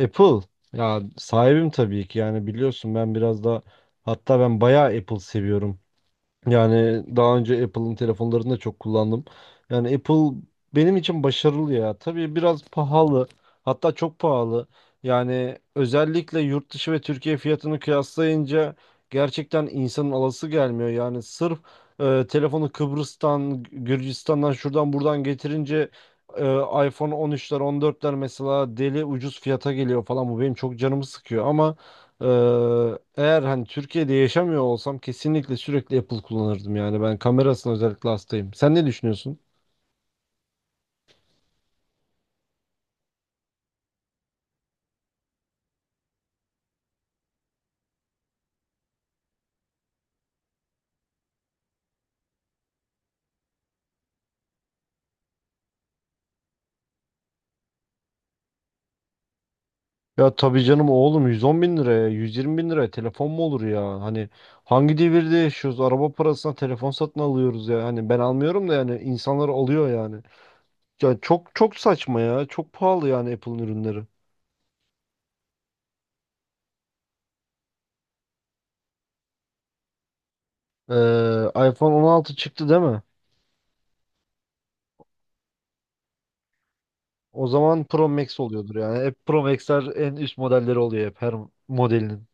Apple ya sahibim tabii ki yani biliyorsun ben biraz da hatta ben bayağı Apple seviyorum. Yani daha önce Apple'ın telefonlarını da çok kullandım. Yani Apple benim için başarılı ya. Tabii biraz pahalı. Hatta çok pahalı. Yani özellikle yurt dışı ve Türkiye fiyatını kıyaslayınca gerçekten insanın alası gelmiyor. Yani sırf telefonu Kıbrıs'tan, Gürcistan'dan şuradan buradan getirince e, iPhone 13'ler, 14'ler mesela deli ucuz fiyata geliyor falan. Bu benim çok canımı sıkıyor ama ee, eğer hani Türkiye'de yaşamıyor olsam kesinlikle sürekli Apple kullanırdım yani ben kamerasına özellikle hastayım. Sen ne düşünüyorsun? Ya tabii canım oğlum 110 bin liraya 120 bin liraya telefon mu olur ya? Hani hangi devirde yaşıyoruz? Araba parasına telefon satın alıyoruz ya. Hani ben almıyorum da yani insanlar alıyor yani. Ya çok çok saçma ya. Çok pahalı yani Apple'ın ürünleri. iPhone 16 çıktı değil mi? O zaman Pro Max oluyordur yani. Hep Pro Max'ler en üst modelleri oluyor hep her modelinin.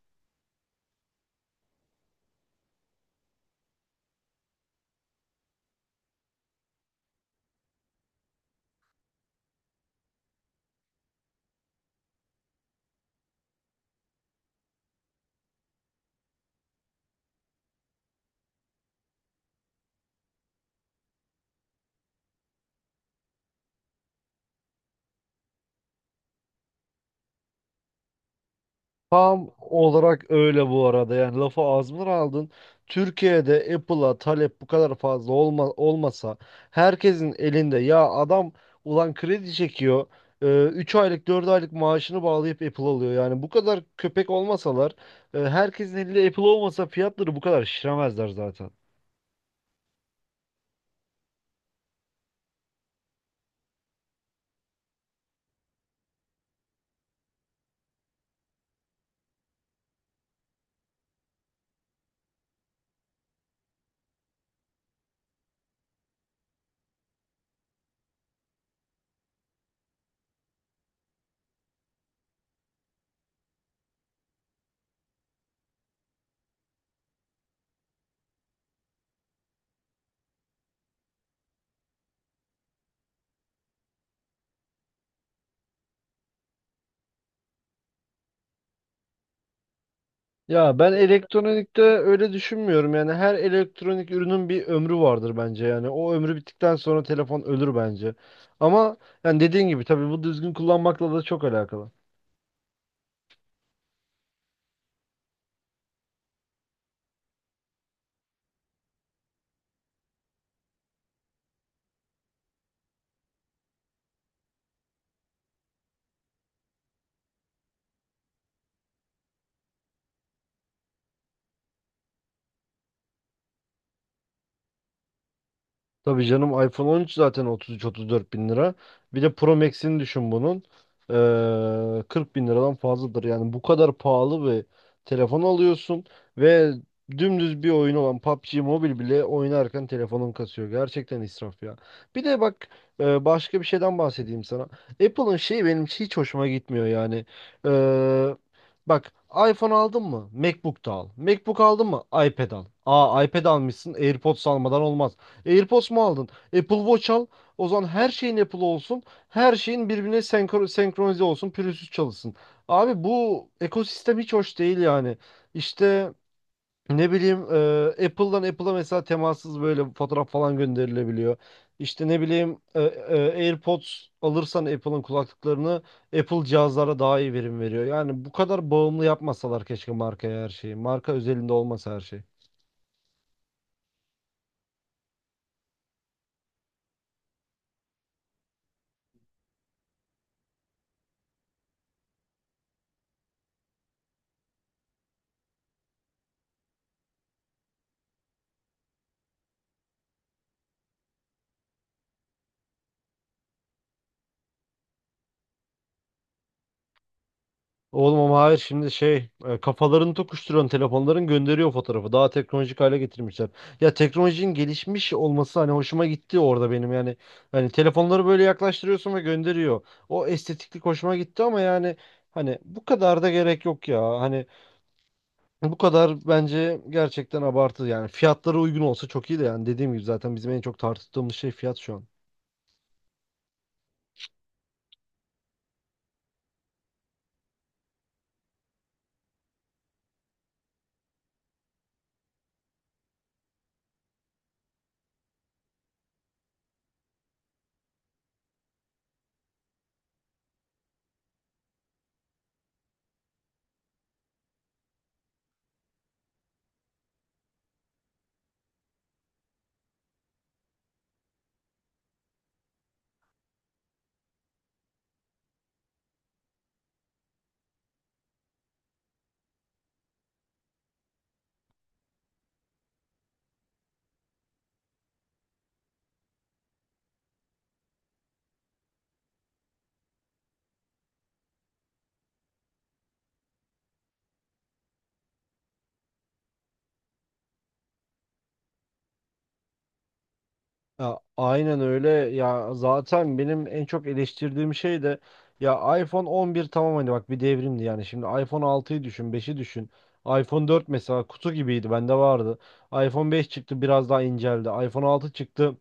Tam olarak öyle bu arada yani lafı ağzımdan aldın. Türkiye'de Apple'a talep bu kadar fazla olmasa herkesin elinde ya adam ulan kredi çekiyor 3 aylık 4 aylık maaşını bağlayıp Apple alıyor. Yani bu kadar köpek olmasalar herkesin elinde Apple olmasa fiyatları bu kadar şişiremezler zaten. Ya ben elektronikte öyle düşünmüyorum yani her elektronik ürünün bir ömrü vardır bence yani o ömrü bittikten sonra telefon ölür bence. Ama yani dediğin gibi tabii bu düzgün kullanmakla da çok alakalı. Tabii canım iPhone 13 zaten 33-34 bin lira. Bir de Pro Max'ini düşün bunun. 40 bin liradan fazladır. Yani bu kadar pahalı bir telefon alıyorsun ve dümdüz bir oyun olan PUBG Mobile bile oynarken telefonun kasıyor. Gerçekten israf ya. Bir de bak başka bir şeyden bahsedeyim sana. Apple'ın şeyi benim hiç hoşuma gitmiyor yani. Ee, bak iPhone aldın mı? MacBook da al. MacBook aldın mı? iPad al. Aa iPad almışsın. AirPods almadan olmaz. AirPods mu aldın? Apple Watch al. O zaman her şeyin Apple olsun. Her şeyin birbirine senkronize olsun. Pürüzsüz çalışsın. Abi bu ekosistem hiç hoş değil yani. İşte ne bileyim Apple'dan Apple'a mesela temassız böyle fotoğraf falan gönderilebiliyor. İşte ne bileyim AirPods alırsan Apple'ın kulaklıklarını Apple cihazlara daha iyi verim veriyor. Yani bu kadar bağımlı yapmasalar keşke markaya her şeyi. Marka özelinde olmasa her şey. Oğlum ama hayır şimdi şey kafalarını tokuşturan telefonların gönderiyor fotoğrafı. Daha teknolojik hale getirmişler. Ya teknolojinin gelişmiş olması hani hoşuma gitti orada benim yani. Hani telefonları böyle yaklaştırıyorsun ve gönderiyor. O estetiklik hoşuma gitti ama yani hani bu kadar da gerek yok ya. Hani bu kadar bence gerçekten abartı yani. Fiyatları uygun olsa çok iyi de yani dediğim gibi zaten bizim en çok tartıştığımız şey fiyat şu an. Ya, aynen öyle ya zaten benim en çok eleştirdiğim şey de ya iPhone 11 tamam hani bak bir devrimdi yani şimdi iPhone 6'yı düşün beşi düşün iPhone 4 mesela kutu gibiydi bende vardı iPhone 5 çıktı biraz daha inceldi iPhone 6 çıktı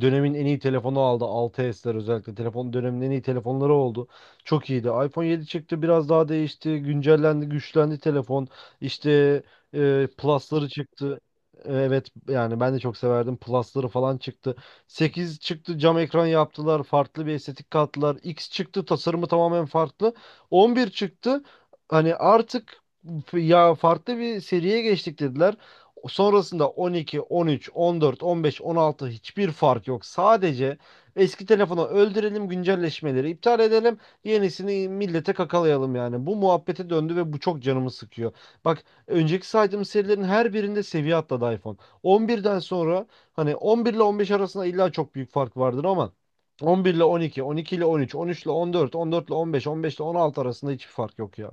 dönemin en iyi telefonu aldı. Altı sler özellikle. Telefon dönemin en iyi telefonları oldu. Çok iyiydi. iPhone 7 çıktı. Biraz daha değişti. Güncellendi, güçlendi telefon. İşte Plus'ları çıktı. Evet yani ben de çok severdim. Plus'ları falan çıktı. 8 çıktı. Cam ekran yaptılar. Farklı bir estetik kattılar. X çıktı. Tasarımı tamamen farklı. 11 çıktı. Hani artık ya farklı bir seriye geçtik dediler. Sonrasında 12, 13, 14, 15, 16 hiçbir fark yok. Sadece eski telefonu öldürelim, güncelleşmeleri iptal edelim, yenisini millete kakalayalım yani. Bu muhabbete döndü ve bu çok canımı sıkıyor. Bak önceki saydığım serilerin her birinde seviye atladı iPhone. 11'den sonra hani 11 ile 15 arasında illa çok büyük fark vardır ama 11 ile 12, 12 ile 13, 13 ile 14, 14 ile 15, 15 ile 16 arasında hiçbir fark yok ya.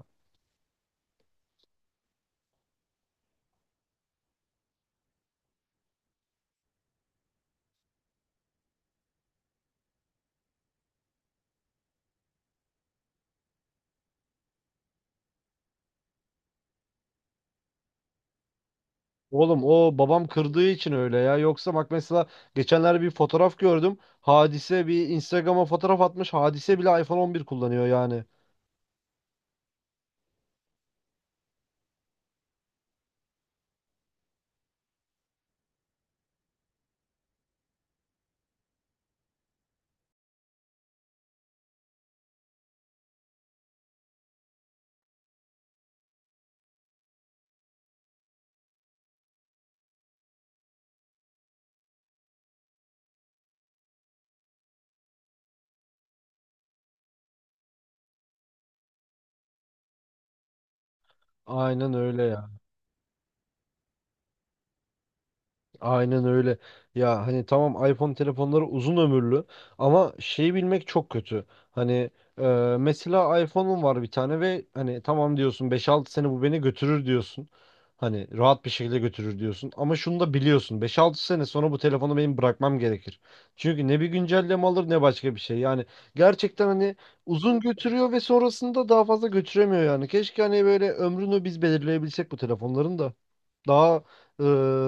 Oğlum o babam kırdığı için öyle ya. Yoksa bak mesela geçenlerde bir fotoğraf gördüm. Hadise bir Instagram'a fotoğraf atmış. Hadise bile iPhone 11 kullanıyor yani. Aynen öyle. Aynen öyle. Ya hani tamam iPhone telefonları uzun ömürlü ama şeyi bilmek çok kötü. Hani e, mesela iPhone'un var bir tane ve hani tamam diyorsun 5-6 sene bu beni götürür diyorsun. Hani rahat bir şekilde götürür diyorsun. Ama şunu da biliyorsun 5-6 sene sonra bu telefonu benim bırakmam gerekir. Çünkü ne bir güncelleme alır ne başka bir şey. Yani gerçekten hani uzun götürüyor ve sonrasında daha fazla götüremiyor yani. Keşke hani böyle ömrünü biz belirleyebilsek bu telefonların da. Daha e,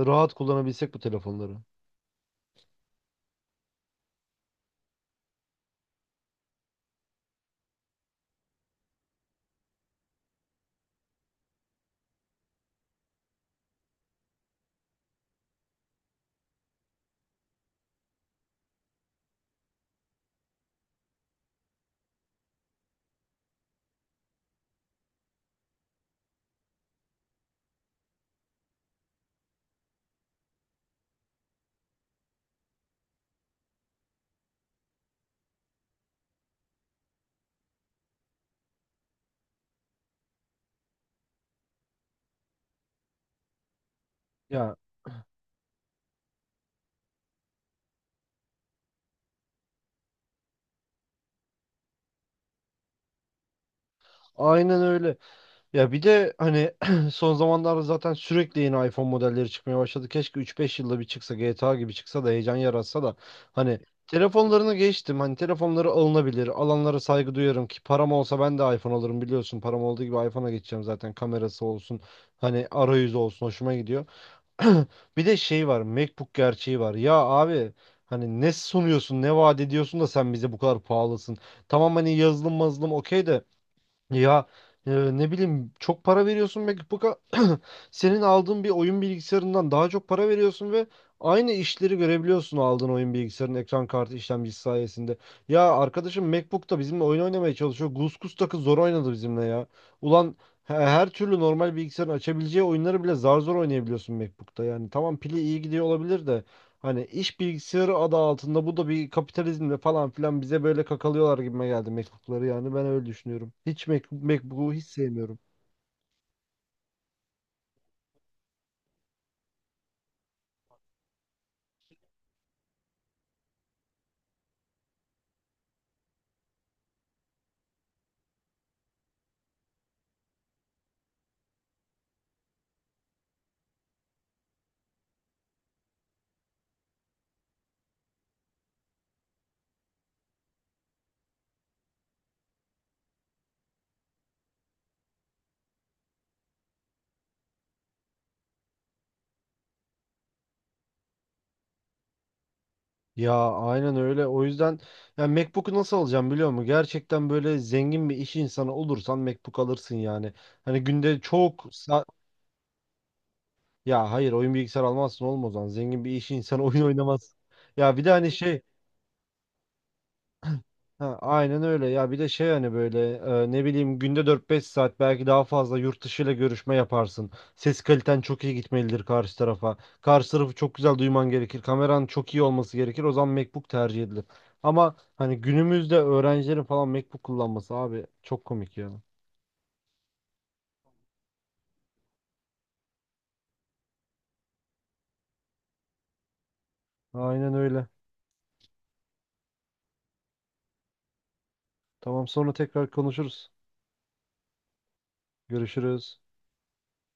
rahat kullanabilsek bu telefonları. Ya aynen öyle. Ya bir de hani son zamanlarda zaten sürekli yeni iPhone modelleri çıkmaya başladı. Keşke 3-5 yılda bir çıksa GTA gibi çıksa da heyecan yaratsa da hani telefonlarını geçtim. Hani telefonları alınabilir. Alanlara saygı duyarım ki param olsa ben de iPhone alırım biliyorsun. Param olduğu gibi iPhone'a geçeceğim zaten. Kamerası olsun. Hani arayüzü olsun hoşuma gidiyor. Bir de şey var, MacBook gerçeği var. Ya abi hani ne sunuyorsun, ne vaat ediyorsun da sen bize bu kadar pahalısın. Tamam hani yazılım mazılım okey de ya e, ne bileyim çok para veriyorsun MacBook'a senin aldığın bir oyun bilgisayarından daha çok para veriyorsun ve aynı işleri görebiliyorsun aldığın oyun bilgisayarının ekran kartı işlemcisi sayesinde. Ya arkadaşım MacBook'ta bizimle oyun oynamaya çalışıyor. Gus takı zor oynadı bizimle ya. Ulan her türlü normal bilgisayarın açabileceği oyunları bile zar zor oynayabiliyorsun MacBook'ta. Yani tamam pili iyi gidiyor olabilir de hani iş bilgisayarı adı altında bu da bir kapitalizmle falan filan bize böyle kakalıyorlar gibime geldi mektupları yani ben öyle düşünüyorum. Hiç MacBook'u hiç sevmiyorum. Ya aynen öyle. O yüzden yani MacBook'u nasıl alacağım biliyor musun? Gerçekten böyle zengin bir iş insanı olursan MacBook alırsın yani. Hani günde çok ya hayır oyun bilgisayar almazsın olmaz o zaman. Zengin bir iş insanı oyun oynamaz. Ya bir de hani şey ha, aynen öyle ya bir de şey hani böyle ne bileyim günde 4-5 saat belki daha fazla yurt dışıyla görüşme yaparsın. Ses kaliten çok iyi gitmelidir karşı tarafa. Karşı tarafı çok güzel duyman gerekir. Kameran çok iyi olması gerekir. O zaman MacBook tercih edilir. Ama hani günümüzde öğrencilerin falan MacBook kullanması abi çok komik ya. Aynen öyle. Tamam sonra tekrar konuşuruz. Görüşürüz.